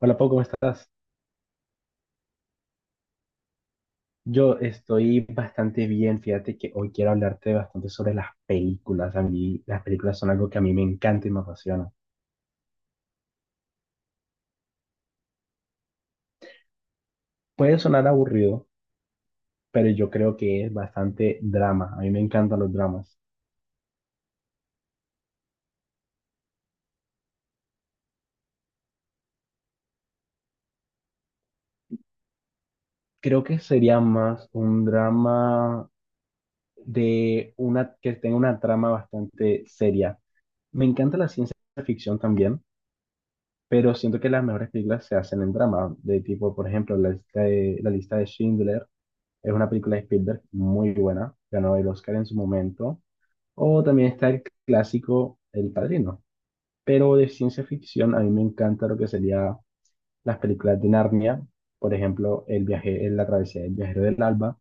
Hola Pau, ¿cómo estás? Yo estoy bastante bien, fíjate que hoy quiero hablarte bastante sobre las películas. A mí las películas son algo que a mí me encanta y me apasiona. Puede sonar aburrido, pero yo creo que es bastante drama. A mí me encantan los dramas. Creo que sería más un drama de una que tenga una trama bastante seria. Me encanta la ciencia ficción también, pero siento que las mejores películas se hacen en drama, de tipo, por ejemplo, la lista de Schindler. Es una película de Spielberg muy buena, ganó el Oscar en su momento. O también está el clásico El Padrino. Pero de ciencia ficción a mí me encanta lo que sería las películas de Narnia, por ejemplo, El viaje, en la travesía del viajero del alba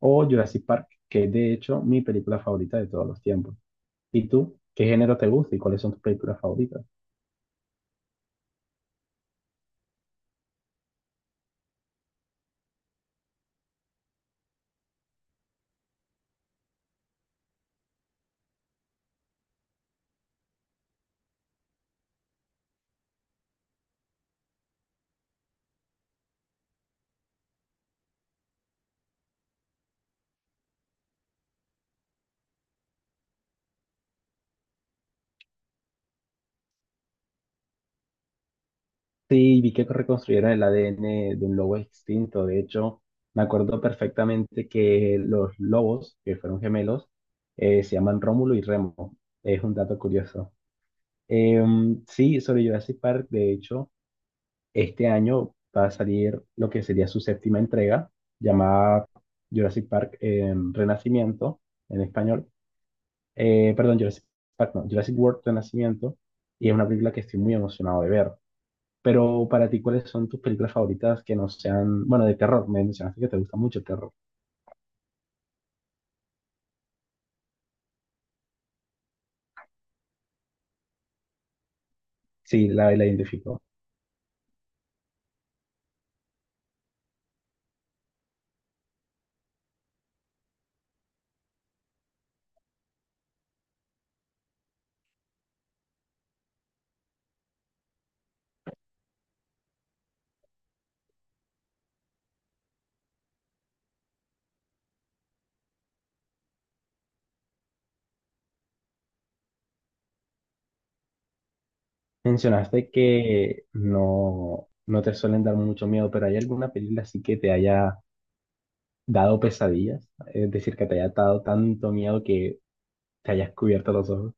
o Jurassic Park, que es de hecho mi película favorita de todos los tiempos. ¿Y tú? ¿Qué género te gusta y cuáles son tus películas favoritas? Sí, vi que reconstruyeron el ADN de un lobo extinto. De hecho, me acuerdo perfectamente que los lobos, que fueron gemelos, se llaman Rómulo y Remo. Es un dato curioso. Sí, sobre Jurassic Park, de hecho, este año va a salir lo que sería su séptima entrega, llamada Jurassic Park Renacimiento, en español. Perdón, Jurassic Park, no, Jurassic World Renacimiento. Y es una película que estoy muy emocionado de ver. Pero para ti, ¿cuáles son tus películas favoritas que no sean, bueno, de terror? Me mencionaste que te gusta mucho el terror. Sí, la identifico. Mencionaste que no, no te suelen dar mucho miedo, pero ¿hay alguna película así que te haya dado pesadillas? Es decir, que te haya dado tanto miedo que te hayas cubierto los ojos.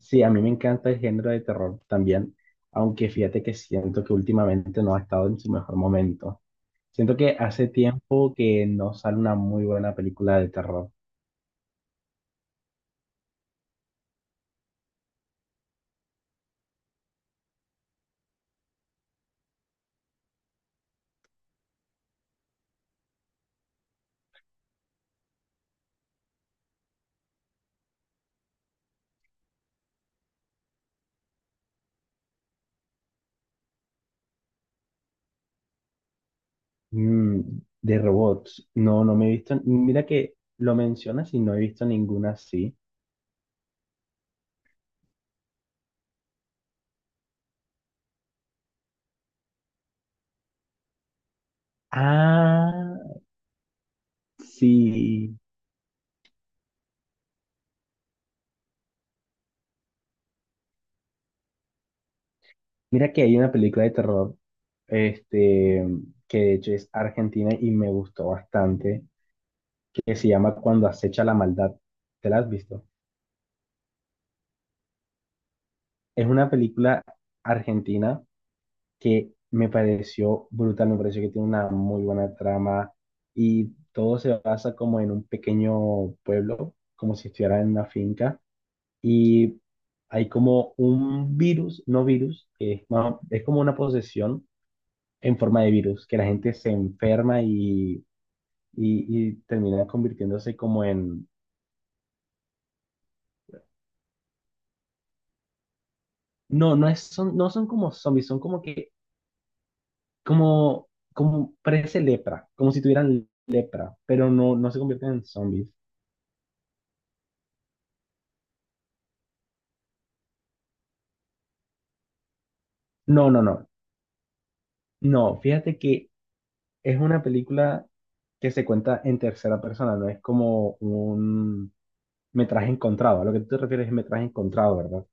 Sí, a mí me encanta el género de terror también, aunque fíjate que siento que últimamente no ha estado en su mejor momento. Siento que hace tiempo que no sale una muy buena película de terror. Mm, de robots. No, no me he visto. Mira que lo mencionas y no he visto ninguna así. Ah, sí. Mira que hay una película de terror, este, que de hecho es argentina y me gustó bastante, que se llama Cuando acecha la maldad. ¿Te la has visto? Es una película argentina que me pareció brutal, me pareció que tiene una muy buena trama y todo se basa como en un pequeño pueblo, como si estuviera en una finca y hay como un virus, no virus, que es, más- es como una posesión en forma de virus, que la gente se enferma y termina convirtiéndose como en... No, no, no son como zombies, son como que, como, como parece lepra, como si tuvieran lepra, pero no, no se convierten en zombies. No, no, no, no, fíjate que es una película que se cuenta en tercera persona, no es como un metraje encontrado. A lo que tú te refieres es metraje encontrado, ¿verdad?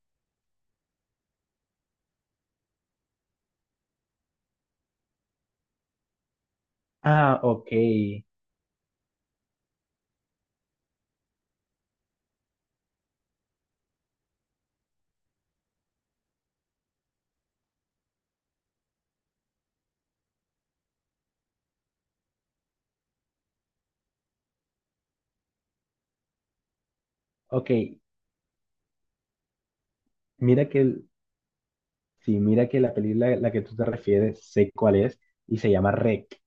Ah, ok, ok. Mira que, sí, mira que la película a la que tú te refieres, sé cuál es, y se llama Rec.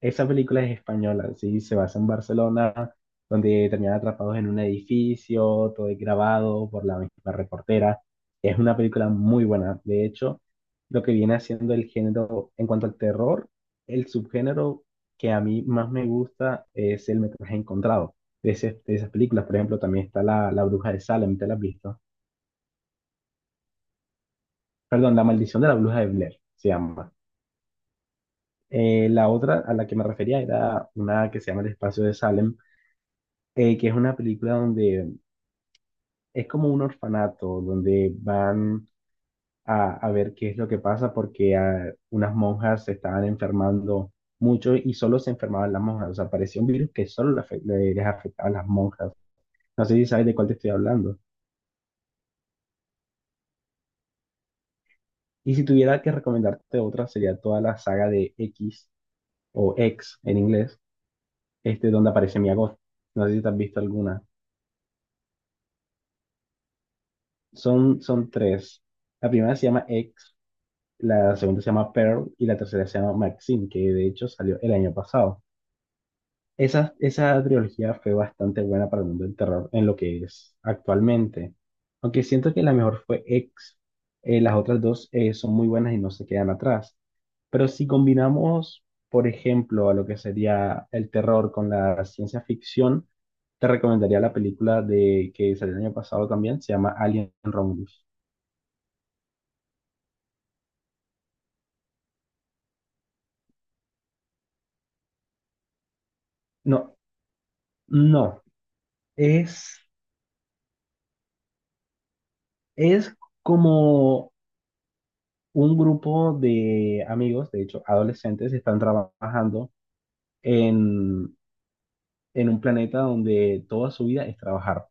Esa película es española, sí, se basa en Barcelona, donde terminan atrapados en un edificio, todo es grabado por la misma reportera. Es una película muy buena. De hecho, lo que viene haciendo el género en cuanto al terror, el subgénero que a mí más me gusta es el metraje encontrado de, de esas películas. Por ejemplo, también está La Bruja de Salem, ¿te la has visto? Perdón, La Maldición de la Bruja de Blair se llama. La otra a la que me refería era una que se llama El Espacio de Salem, que es una película donde es como un orfanato, donde van a ver qué es lo que pasa porque unas monjas se estaban enfermando mucho y solo se enfermaban las monjas, o sea, parecía un virus que solo le les afectaba a las monjas. No sé si sabes de cuál te estoy hablando. Y si tuviera que recomendarte otra, sería toda la saga de X o X en inglés, donde aparece Mia Goth. No sé si te has visto alguna. Son, son tres. La primera se llama X, la segunda se llama Pearl y la tercera se llama Maxine, que de hecho salió el año pasado. Esa trilogía fue bastante buena para el mundo del terror en lo que es actualmente. Aunque siento que la mejor fue X, las otras dos son muy buenas y no se quedan atrás. Pero si combinamos, por ejemplo, a lo que sería el terror con la ciencia ficción, te recomendaría la película de que salió el año pasado también, se llama Alien Romulus. No, no, es Es como un grupo de amigos, de hecho, adolescentes, están trabajando en, en un planeta donde toda su vida es trabajar. O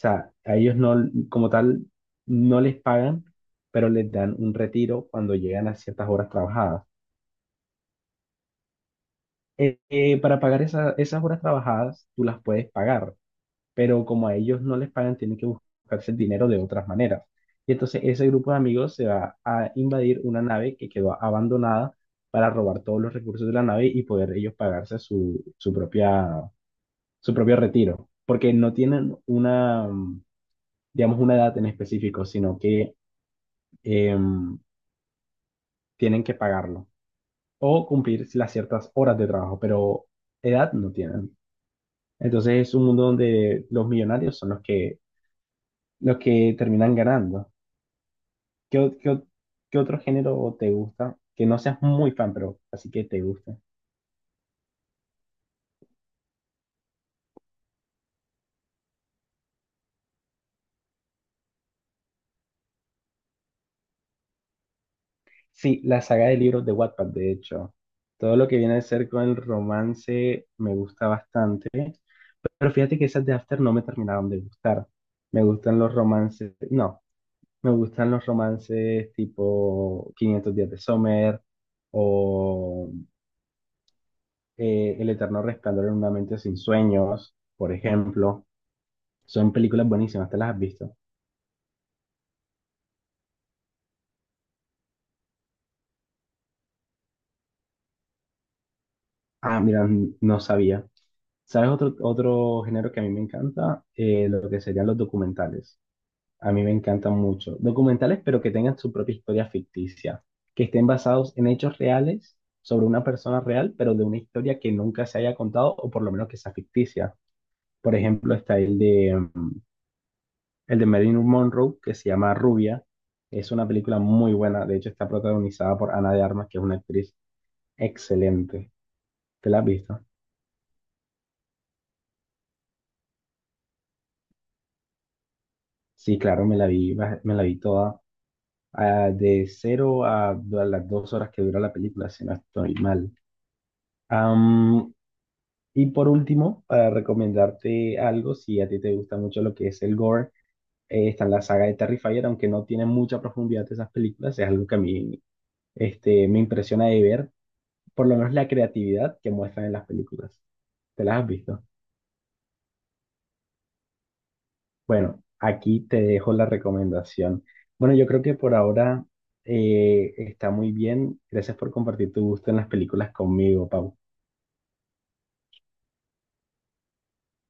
sea, a ellos no, como tal, no les pagan, pero les dan un retiro cuando llegan a ciertas horas trabajadas. Para pagar esas horas trabajadas, tú las puedes pagar, pero como a ellos no les pagan, tienen que buscarse el dinero de otras maneras. Y entonces ese grupo de amigos se va a invadir una nave que quedó abandonada para robar todos los recursos de la nave y poder ellos pagarse su propio retiro, porque no tienen una, digamos, una edad en específico, sino que em, tienen que pagarlo o cumplir las ciertas horas de trabajo, pero edad no tienen. Entonces es un mundo donde los millonarios son los que terminan ganando. ¿Qué, o- qué, o- ¿Qué otro género te gusta? Que no seas muy fan, pero así que te gusta. Sí, la saga de libros de Wattpad, de hecho. Todo lo que viene a ser con el romance me gusta bastante. Pero fíjate que esas de After no me terminaron de gustar. Me gustan los romances, no, me gustan los romances tipo Quinientos días de Summer o El eterno resplandor en una mente sin sueños, por ejemplo. Son películas buenísimas, ¿te las has visto? Ah, mira, no sabía. ¿Sabes otro, otro género que a mí me encanta? Lo que serían los documentales. A mí me encantan mucho. Documentales, pero que tengan su propia historia ficticia, que estén basados en hechos reales sobre una persona real, pero de una historia que nunca se haya contado o por lo menos que sea ficticia. Por ejemplo, está el de, el de Marilyn Monroe, que se llama Rubia. Es una película muy buena. De hecho, está protagonizada por Ana de Armas, que es una actriz excelente. ¿Te la has visto? Sí, claro, me la vi, me la vi toda, de cero a las 2 horas que dura la película, si no estoy mal. Am, y por último, para recomendarte algo, si a ti te gusta mucho lo que es el gore, está en la saga de Terrifier, aunque no tiene mucha profundidad de esas películas, es algo que a mí me impresiona de ver, por lo menos la creatividad que muestran en las películas. ¿Te las has visto? Bueno, aquí te dejo la recomendación. Bueno, yo creo que por ahora está muy bien. Gracias por compartir tu gusto en las películas conmigo, Pau.